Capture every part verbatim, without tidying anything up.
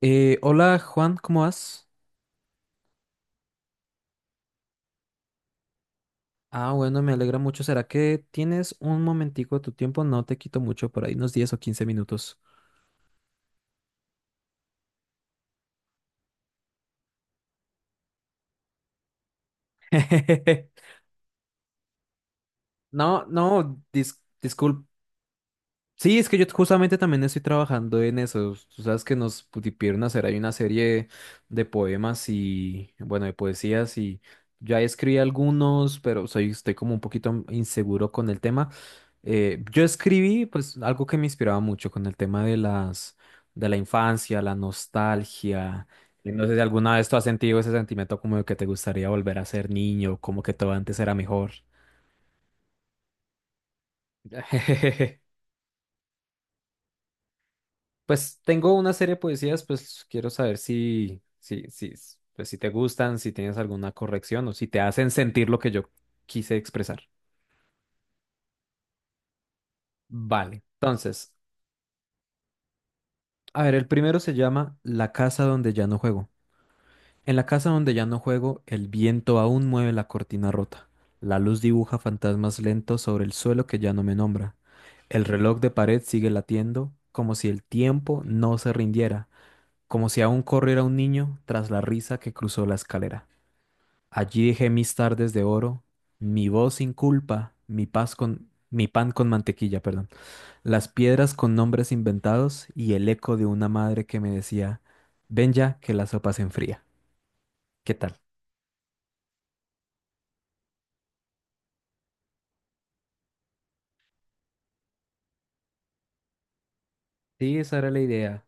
Eh, hola Juan, ¿cómo vas? Ah, bueno, me alegra mucho. ¿Será que tienes un momentico de tu tiempo? No te quito mucho, por ahí unos diez o quince minutos. No, no, Dis, disculpa, sí, es que yo justamente también estoy trabajando en eso. Tú sabes que nos pidieron hacer ahí una serie de poemas y, bueno, de poesías y ya escribí algunos, pero soy, estoy como un poquito inseguro con el tema. Eh, yo escribí, pues, algo que me inspiraba mucho con el tema de las, de la infancia, la nostalgia. Y no sé si alguna vez tú has sentido ese sentimiento como de que te gustaría volver a ser niño, como que todo antes era mejor. Pues tengo una serie de poesías, pues quiero saber si, si, si, pues, si te gustan, si tienes alguna corrección o si te hacen sentir lo que yo quise expresar. Vale. Entonces, a ver, el primero se llama La casa donde ya no juego. En la casa donde ya no juego, el viento aún mueve la cortina rota. La luz dibuja fantasmas lentos sobre el suelo que ya no me nombra. El reloj de pared sigue latiendo, como si el tiempo no se rindiera, como si aún corriera un niño tras la risa que cruzó la escalera. Allí dejé mis tardes de oro, mi voz sin culpa, mi paz con mi pan con mantequilla, perdón, las piedras con nombres inventados y el eco de una madre que me decía, ven ya que la sopa se enfría. ¿Qué tal? Sí, esa era la idea.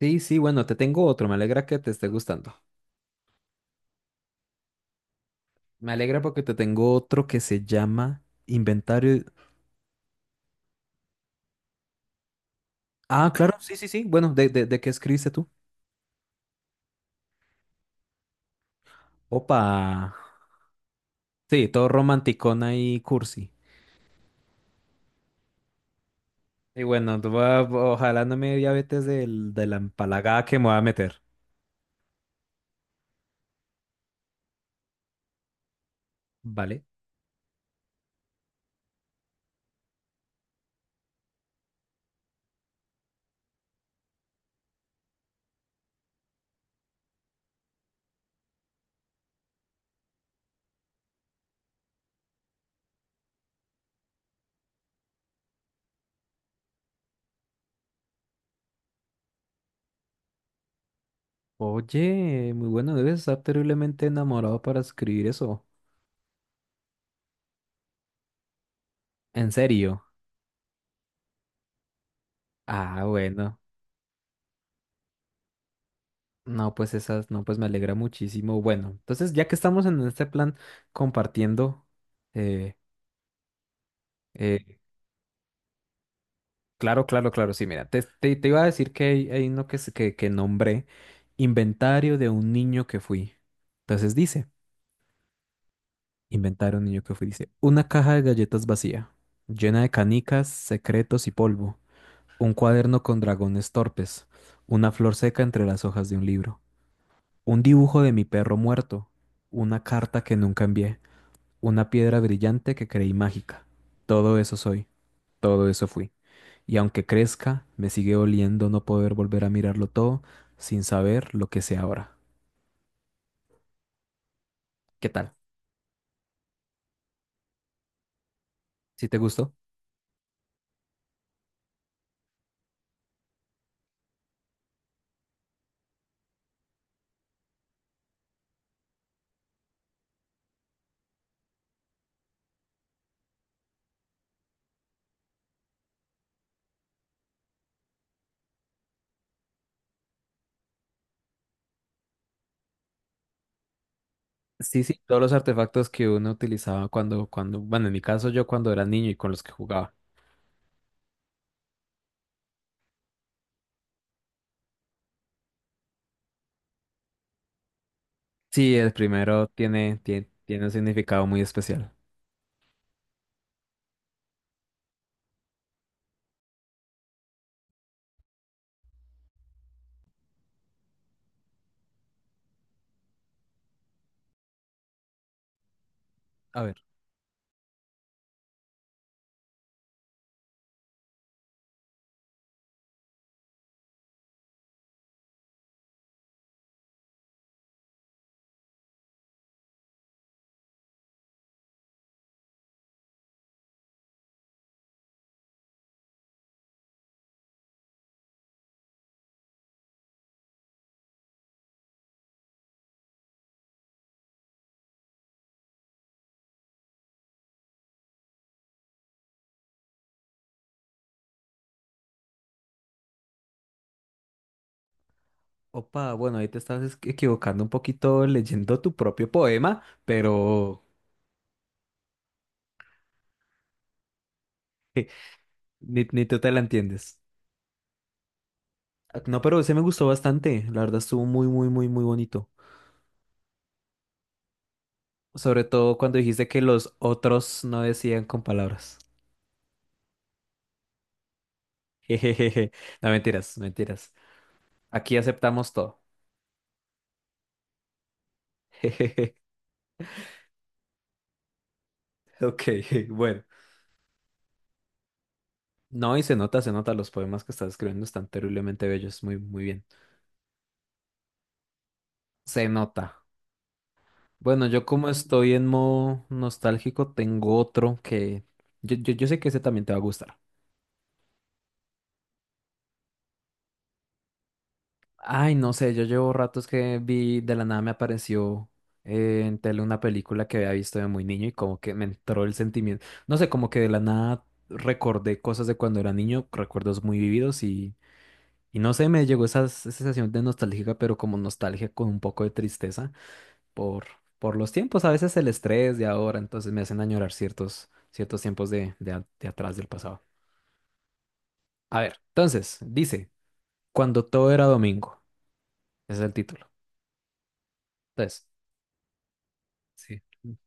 Sí, sí, bueno, te tengo otro, me alegra que te esté gustando. Me alegra porque te tengo otro que se llama Inventario. Ah, claro, sí, sí, sí. Bueno, ¿de, de, de qué escribiste tú? Opa. Sí, todo romanticona y cursi. Y bueno, tú va- ojalá no me dé diabetes del, de la empalagada que me voy a meter. Vale. Oye, muy bueno, debes estar terriblemente enamorado para escribir eso. ¿En serio? Ah, bueno. No, pues esas, no, pues me alegra muchísimo. Bueno, entonces ya que estamos en este plan compartiendo, eh, eh, claro, claro, claro, sí, mira, te, te, te iba a decir que hay, hay uno que, se- que, que nombré, inventario de un niño que fui. Entonces dice. Inventaron un niño que fue, dice, una caja de galletas vacía, llena de canicas, secretos y polvo, un cuaderno con dragones torpes, una flor seca entre las hojas de un libro, un dibujo de mi perro muerto, una carta que nunca envié, una piedra brillante que creí mágica. Todo eso soy, todo eso fui. Y aunque crezca, me sigue doliendo no poder volver a mirarlo todo sin saber lo que sé ahora. ¿Qué tal? ¿Si te gustó? Sí, sí, todos los artefactos que uno utilizaba cuando, cuando, bueno, en mi caso yo cuando era niño y con los que jugaba. Sí, el primero tiene, tiene, tiene un significado muy especial. A ver, opa, bueno, ahí te estás es- equivocando un poquito leyendo tu propio poema, pero ni, ni tú te la entiendes. Ah, no, pero ese me gustó bastante, la verdad estuvo muy, muy, muy, muy bonito. Sobre todo cuando dijiste que los otros no decían con palabras. Jejeje. No, mentiras, mentiras. Aquí aceptamos todo. Ok, bueno. No, y se nota, se nota, los poemas que estás escribiendo están terriblemente bellos, muy, muy bien. Se nota. Bueno, yo como estoy en modo nostálgico, tengo otro que yo, yo, yo sé que ese también te va a gustar. Ay, no sé, yo llevo ratos que vi, de la nada me apareció eh, en tele una película que había visto de muy niño y como que me entró el sentimiento. No sé, como que de la nada recordé cosas de cuando era niño, recuerdos muy vividos. Y no sé, me llegó esa s- sensación de nostálgica pero como nostalgia con un poco de tristeza por, por los tiempos, a veces el estrés de ahora, entonces me hacen añorar ciertos, ciertos tiempos de, de, a- de atrás del pasado. A ver, entonces, dice, cuando todo era domingo, ese es el título. Entonces, sí,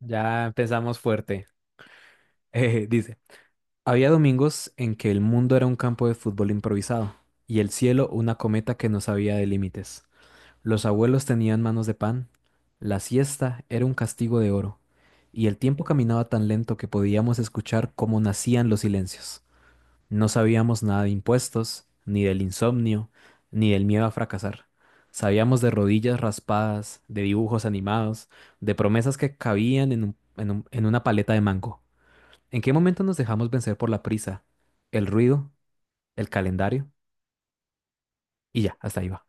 ya empezamos fuerte. Eh, dice, había domingos en que el mundo era un campo de fútbol improvisado y el cielo una cometa que no sabía de límites. Los abuelos tenían manos de pan, la siesta era un castigo de oro, y el tiempo caminaba tan lento que podíamos escuchar cómo nacían los silencios. No sabíamos nada de impuestos, ni del insomnio, ni del miedo a fracasar. Sabíamos de rodillas raspadas, de dibujos animados, de promesas que cabían en un- en un- en una paleta de mango. ¿En qué momento nos dejamos vencer por la prisa, el ruido, el calendario? Y ya, hasta ahí va.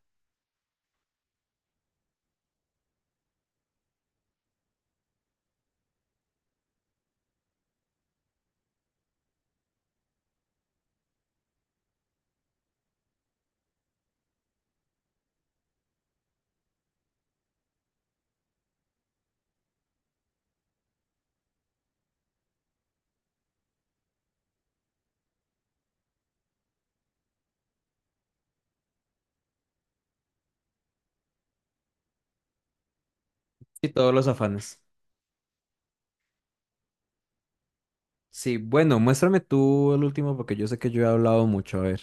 Y todos los afanes. Sí, bueno, muéstrame tú el último porque yo sé que yo he hablado mucho. A ver.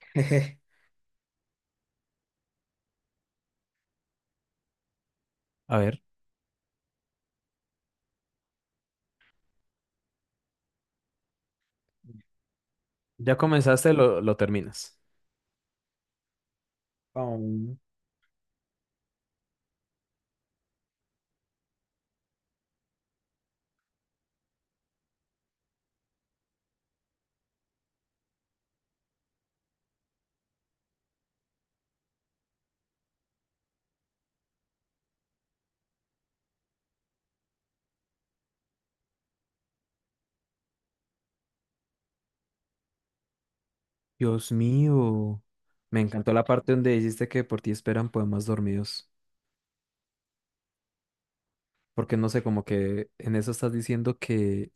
Jeje. A ver. Ya comenzaste, lo, lo terminas. Oh. Dios mío. Me encantó la parte donde dijiste que por ti esperan poemas dormidos. Porque no sé, como que en eso estás diciendo que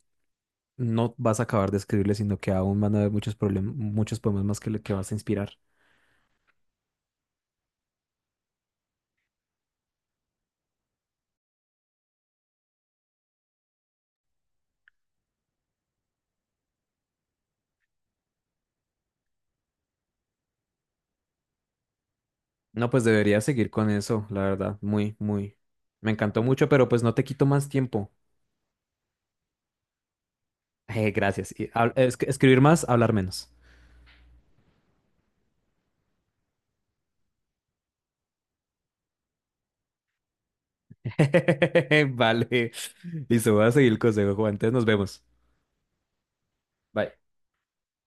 no vas a acabar de escribirle, sino que aún van a haber muchos problemas, muchos poemas más que, le- que vas a inspirar. No, pues debería seguir con eso, la verdad. Muy, muy. Me encantó mucho, pero pues no te quito más tiempo. Eh, gracias. Y hab- es- escribir más, hablar menos. Vale. Listo, voy a seguir el consejo, Juan. Entonces nos vemos. Bye.